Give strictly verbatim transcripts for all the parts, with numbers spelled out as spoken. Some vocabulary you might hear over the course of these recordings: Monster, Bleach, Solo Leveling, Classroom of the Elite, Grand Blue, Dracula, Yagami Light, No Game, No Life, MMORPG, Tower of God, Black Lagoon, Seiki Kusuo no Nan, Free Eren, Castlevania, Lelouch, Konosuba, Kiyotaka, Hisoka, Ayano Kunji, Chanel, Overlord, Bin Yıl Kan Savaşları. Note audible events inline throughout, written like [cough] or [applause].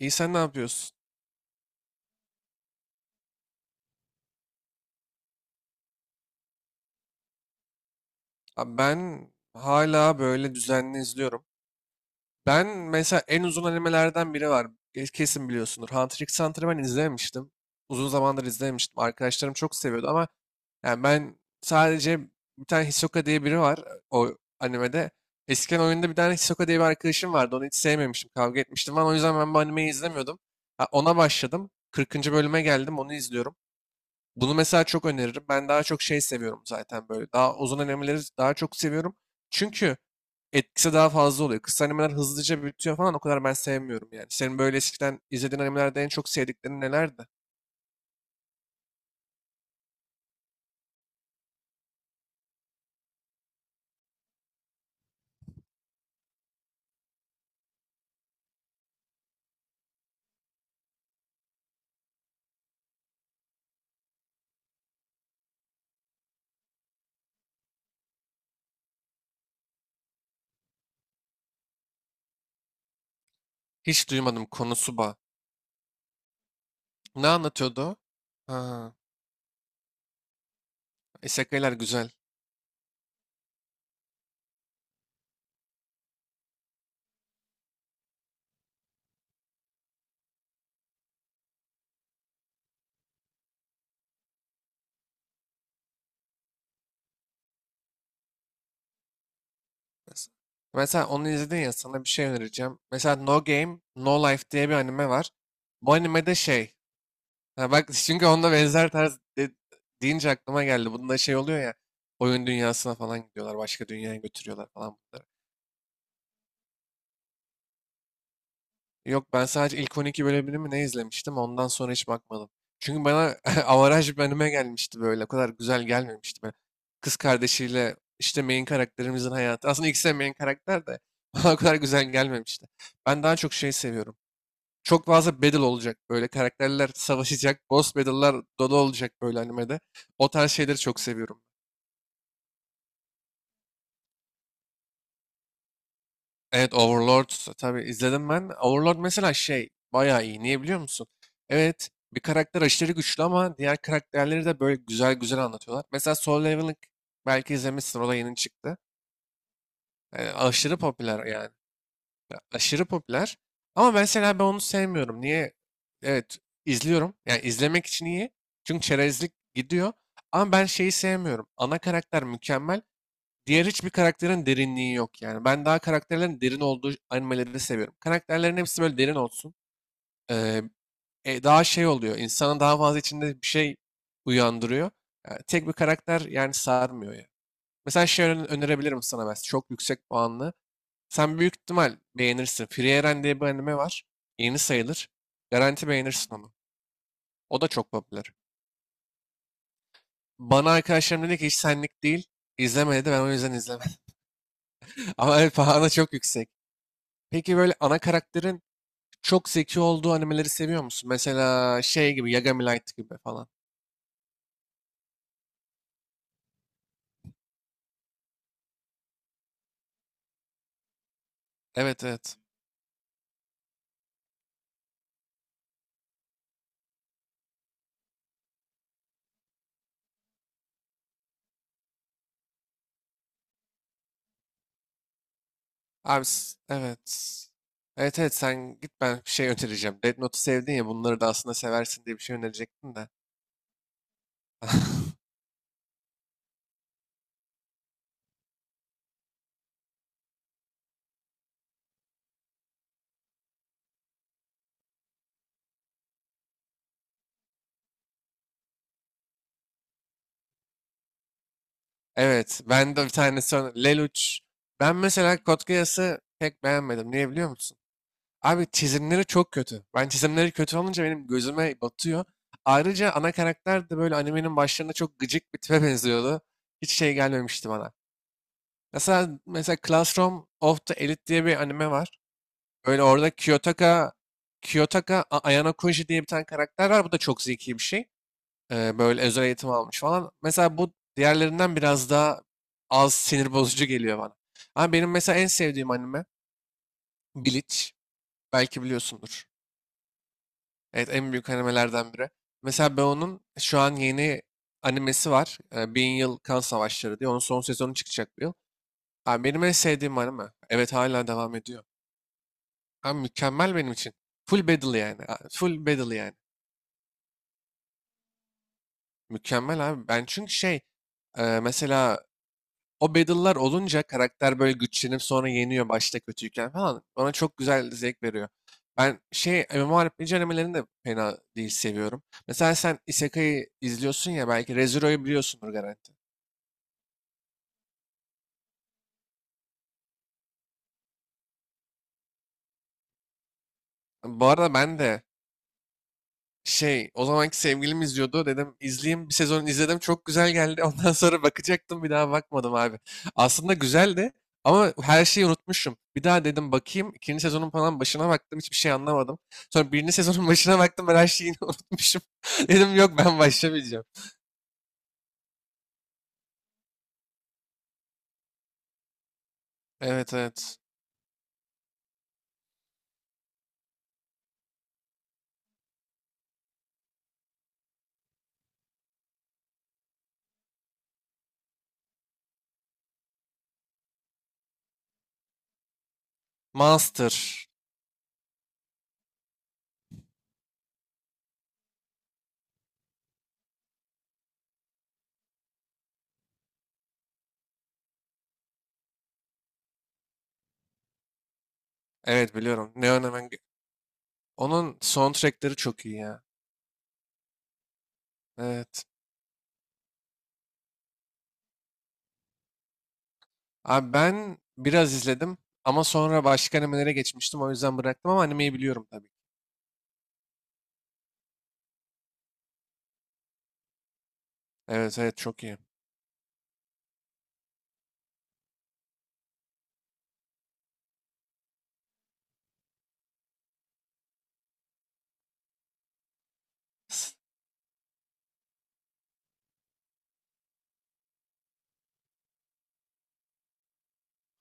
İyi sen ne yapıyorsun? Abi ben hala böyle düzenli izliyorum. Ben mesela en uzun animelerden biri var. Kes- Kesin biliyorsundur. Hunter x Hunter'ı ben izlememiştim. Uzun zamandır izlememiştim. Arkadaşlarım çok seviyordu ama yani ben sadece bir tane Hisoka diye biri var o animede. Eskiden oyunda bir tane Hisoka diye bir arkadaşım vardı. Onu hiç sevmemiştim. Kavga etmiştim falan. O yüzden ben bu animeyi izlemiyordum. Ha, ona başladım. kırkıncı bölüme geldim. Onu izliyorum. Bunu mesela çok öneririm. Ben daha çok şey seviyorum zaten böyle. Daha uzun animeleri daha çok seviyorum. Çünkü etkisi daha fazla oluyor. Kısa animeler hızlıca bitiyor falan, o kadar ben sevmiyorum yani. Senin böyle eskiden izlediğin animelerde en çok sevdiklerin nelerdi? Hiç duymadım Konosuba. Ne anlatıyordu o? Ha, isekai'ler güzel. Mes- Mesela onu izledin ya, sana bir şey önereceğim. Mesela No Game, No Life diye bir anime var. Bu animede şey, ha bak, çünkü onda benzer tarz de- deyince aklıma geldi. Bunda şey oluyor ya, oyun dünyasına falan gidiyorlar. Başka dünyaya götürüyorlar falan bunları. Yok, ben sadece ilk on iki bölümünü mü ne izlemiştim, ondan sonra hiç bakmadım. Çünkü bana [laughs] avaraj bir anime gelmişti böyle. O kadar güzel gelmemişti böyle. Kız kardeşiyle işte main karakterimizin hayatı. Aslında ikisi de main karakter de [laughs] bana o kadar güzel gelmemişti. Ben daha çok şey seviyorum. Çok fazla battle olacak böyle. Karakterler savaşacak. Boss battle'lar dolu olacak böyle animede. O tarz şeyleri çok seviyorum. Evet, Overlord tabii izledim ben. Overlord mesela şey bayağı iyi. Niye biliyor musun? Evet, bir karakter aşırı güçlü ama diğer karakterleri de böyle güzel güzel anlatıyorlar. Mesela Solo Leveling belki izlemişsin, o da yeni çıktı. Ee, aşırı popüler yani. Ya, aşırı popüler. Ama mesela ben onu sevmiyorum. Niye? Evet izliyorum. Yani izlemek için iyi. Çünkü çerezlik gidiyor. Ama ben şeyi sevmiyorum. Ana karakter mükemmel. Diğer hiçbir karakterin derinliği yok yani. Ben daha karakterlerin derin olduğu animeleri seviyorum. Karakterlerin hepsi böyle derin olsun. Ee, e, daha şey oluyor. İnsanın daha fazla içinde bir şey uyandırıyor. Yani tek bir karakter yani sarmıyor ya. Mesela şey öne- önerebilirim sana ben. Çok yüksek puanlı. Sen büyük ihtimal beğenirsin. Free Eren diye bir anime var. Yeni sayılır. Garanti beğenirsin onu. O da çok popüler. Bana arkadaşlarım dedi ki hiç senlik değil. İzleme dedi. Ben o yüzden izlemedim. [laughs] Ama evet, puanı çok yüksek. Peki böyle ana karakterin çok zeki olduğu animeleri seviyor musun? Mesela şey gibi, Yagami Light gibi falan. Evet, evet. Abi, s- evet. Evet, evet, sen git, ben bir şey önereceğim. Death Note'u sevdin ya, bunları da aslında seversin diye bir şey önerecektim de. [laughs] Evet, ben de bir tanesi öne- Lelouch. Ben mesela Code Geass'ı pek beğenmedim. Niye biliyor musun? Abi çizimleri çok kötü. Ben çizimleri kötü olunca benim gözüme batıyor. Ayrıca ana karakter de böyle animenin başlarında çok gıcık bir tipe [laughs] benziyordu. Hiç şey gelmemişti bana. Mesela, mesela Classroom of the Elite diye bir anime var. Öyle orada Kiyotaka, Kiyotaka A- Ayano Kunji diye bir tane karakter var. Bu da çok zeki bir şey. Ee, böyle özel eğitim almış falan. Mesela bu diğerlerinden biraz daha az sinir bozucu geliyor bana. Ama benim mesela en sevdiğim anime Bleach. Belki biliyorsundur. Evet, en büyük animelerden biri. Mesela ben onun şu an yeni animesi var. Ee, Bin Yıl Kan Savaşları diye. Onun son sezonu çıkacak bu yıl. Abi benim en sevdiğim anime. Evet, hala devam ediyor. Abi mükemmel benim için. Full battle yani. a- Full battle yani. Mükemmel abi. Ben çünkü şey, e, mesela o battle'lar olunca karakter böyle güçlenip sonra yeniyor başta kötüyken falan. Bana çok güzel zevk veriyor. Ben şey, MMORPG animelerini de fena değil seviyorum. Mesela sen Isekai'yi izliyorsun ya, belki ReZero'yu biliyorsundur garanti. Bu arada ben de şey, o zamanki sevgilim izliyordu. Dedim izleyeyim. Bir sezon izledim. Çok güzel geldi. [laughs] Ondan sonra bakacaktım. Bir daha bakmadım abi. Aslında güzeldi ama her şeyi unutmuşum. Bir daha dedim bakayım. İkinci sezonun falan başına baktım. Hiçbir şey anlamadım. Sonra birinci sezonun [laughs] başına baktım. Ben her şeyi yine [laughs] unutmuşum. [laughs] Dedim yok, ben başlamayacağım. Evet, evet. Monster. Evet biliyorum. Neon Evangel- Onun soundtrackleri çok iyi ya. Evet. Abi ben biraz izledim ama sonra başka animelere geçmiştim. O yüzden bıraktım ama animeyi biliyorum tabii. Evet, evet, çok iyi. S-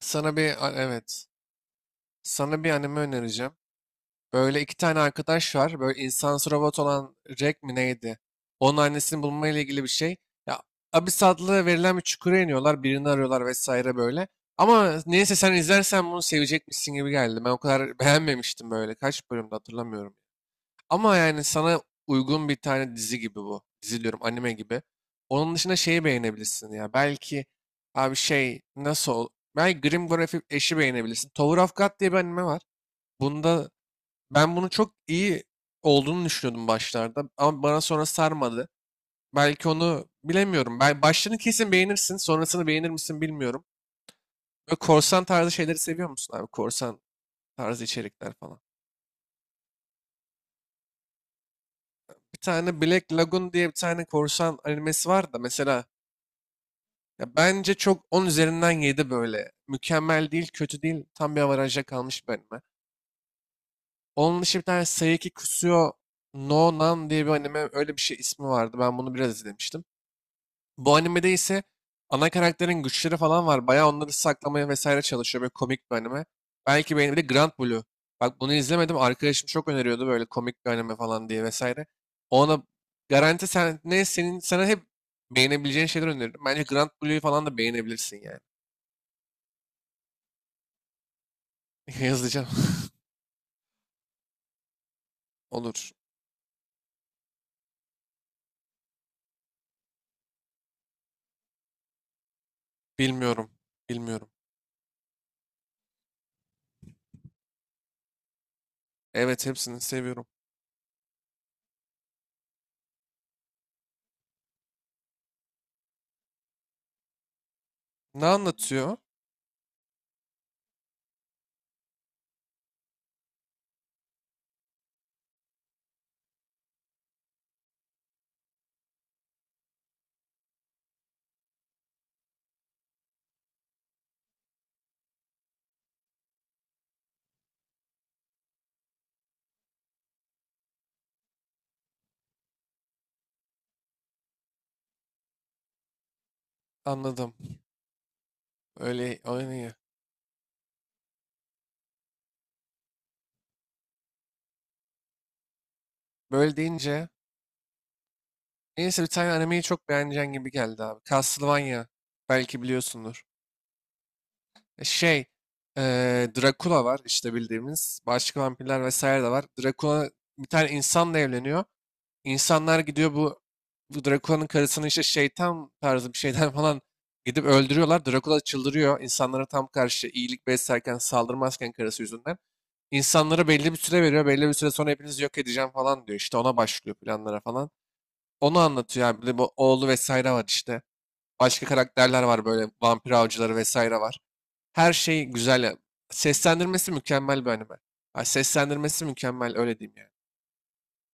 Sana bir a- evet. Sana bir anime önereceğim. Böyle iki tane arkadaş var. Böyle insansı robot olan Jack mi neydi? Onun annesini bulma ile ilgili bir şey. Ya, Abyss adlı verilen bir çukura iniyorlar. Birini arıyorlar vesaire böyle. Ama neyse sen izlersen bunu sevecekmişsin gibi geldi. Ben o kadar [laughs] beğenmemiştim böyle. Kaç bölümde hatırlamıyorum. Ama yani sana uygun bir tane dizi gibi bu. Dizi diyorum, anime gibi. Onun dışında şeyi beğenebilirsin ya. Belki, abi şey, nasıl ol? Belki Grim Graphic eşi beğenebilirsin. Tower of God diye bir anime var. Bunda ben bunu çok iyi olduğunu düşünüyordum başlarda. Ama bana sonra sarmadı. Belki onu bilemiyorum. Ben başlarını kesin beğenirsin. Sonrasını beğenir misin bilmiyorum. Ve korsan tarzı şeyleri seviyor musun abi? Korsan tarzı içerikler falan. Bir tane Black Lagoon diye bir tane korsan animesi var da mesela. Ya, bence çok on üzerinden yedi böyle. Mükemmel değil, kötü değil. Tam bir avaraja kalmış bir anime. Onun dışı bir tane Seiki Kusuo no Nan diye bir anime, öyle bir şey ismi vardı. Ben bunu biraz izlemiştim. Bu animede ise ana karakterin güçleri falan var. Bayağı onları saklamaya vesaire çalışıyor. Böyle komik bir anime. Belki benim de Grand Blue. Bak, bunu izlemedim. Arkadaşım çok öneriyordu, böyle komik bir anime falan diye vesaire. Ona garanti sen ne, senin sana hep beğenebileceğin şeyler öneririm. Bence Grand Blue'yu falan da beğenebilirsin yani. [laughs] Yazacağım. [laughs] Olur. Bilmiyorum. Bilmiyorum. Evet, hepsini seviyorum. Ne anlatıyor? Anladım. Öyle, öyle, böyle deyince. Neyse, bir tane animeyi çok beğeneceğin gibi geldi abi. Castlevania. Belki biliyorsundur. E, Şey. eee Dracula var işte bildiğimiz. Başka vampirler vesaire de var. Dracula bir tane insanla evleniyor. İnsanlar gidiyor, bu, bu Drakula'nın karısını işte şeytan tarzı bir şeyden [laughs] falan gidip öldürüyorlar. Drakula çıldırıyor. İnsanlara tam karşı iyilik beslerken, saldırmazken, karısı yüzünden. İnsanlara belli bir süre veriyor. Belli bir süre sonra hepinizi yok edeceğim falan diyor. İşte ona başlıyor, planlara falan. Onu anlatıyor abi. Bir de bu oğlu vesaire var işte. Başka karakterler var, böyle vampir avcıları vesaire var. Her şey güzel ya. Seslendirmesi mükemmel bir anime. Ha, seslendirmesi mükemmel, öyle diyeyim yani.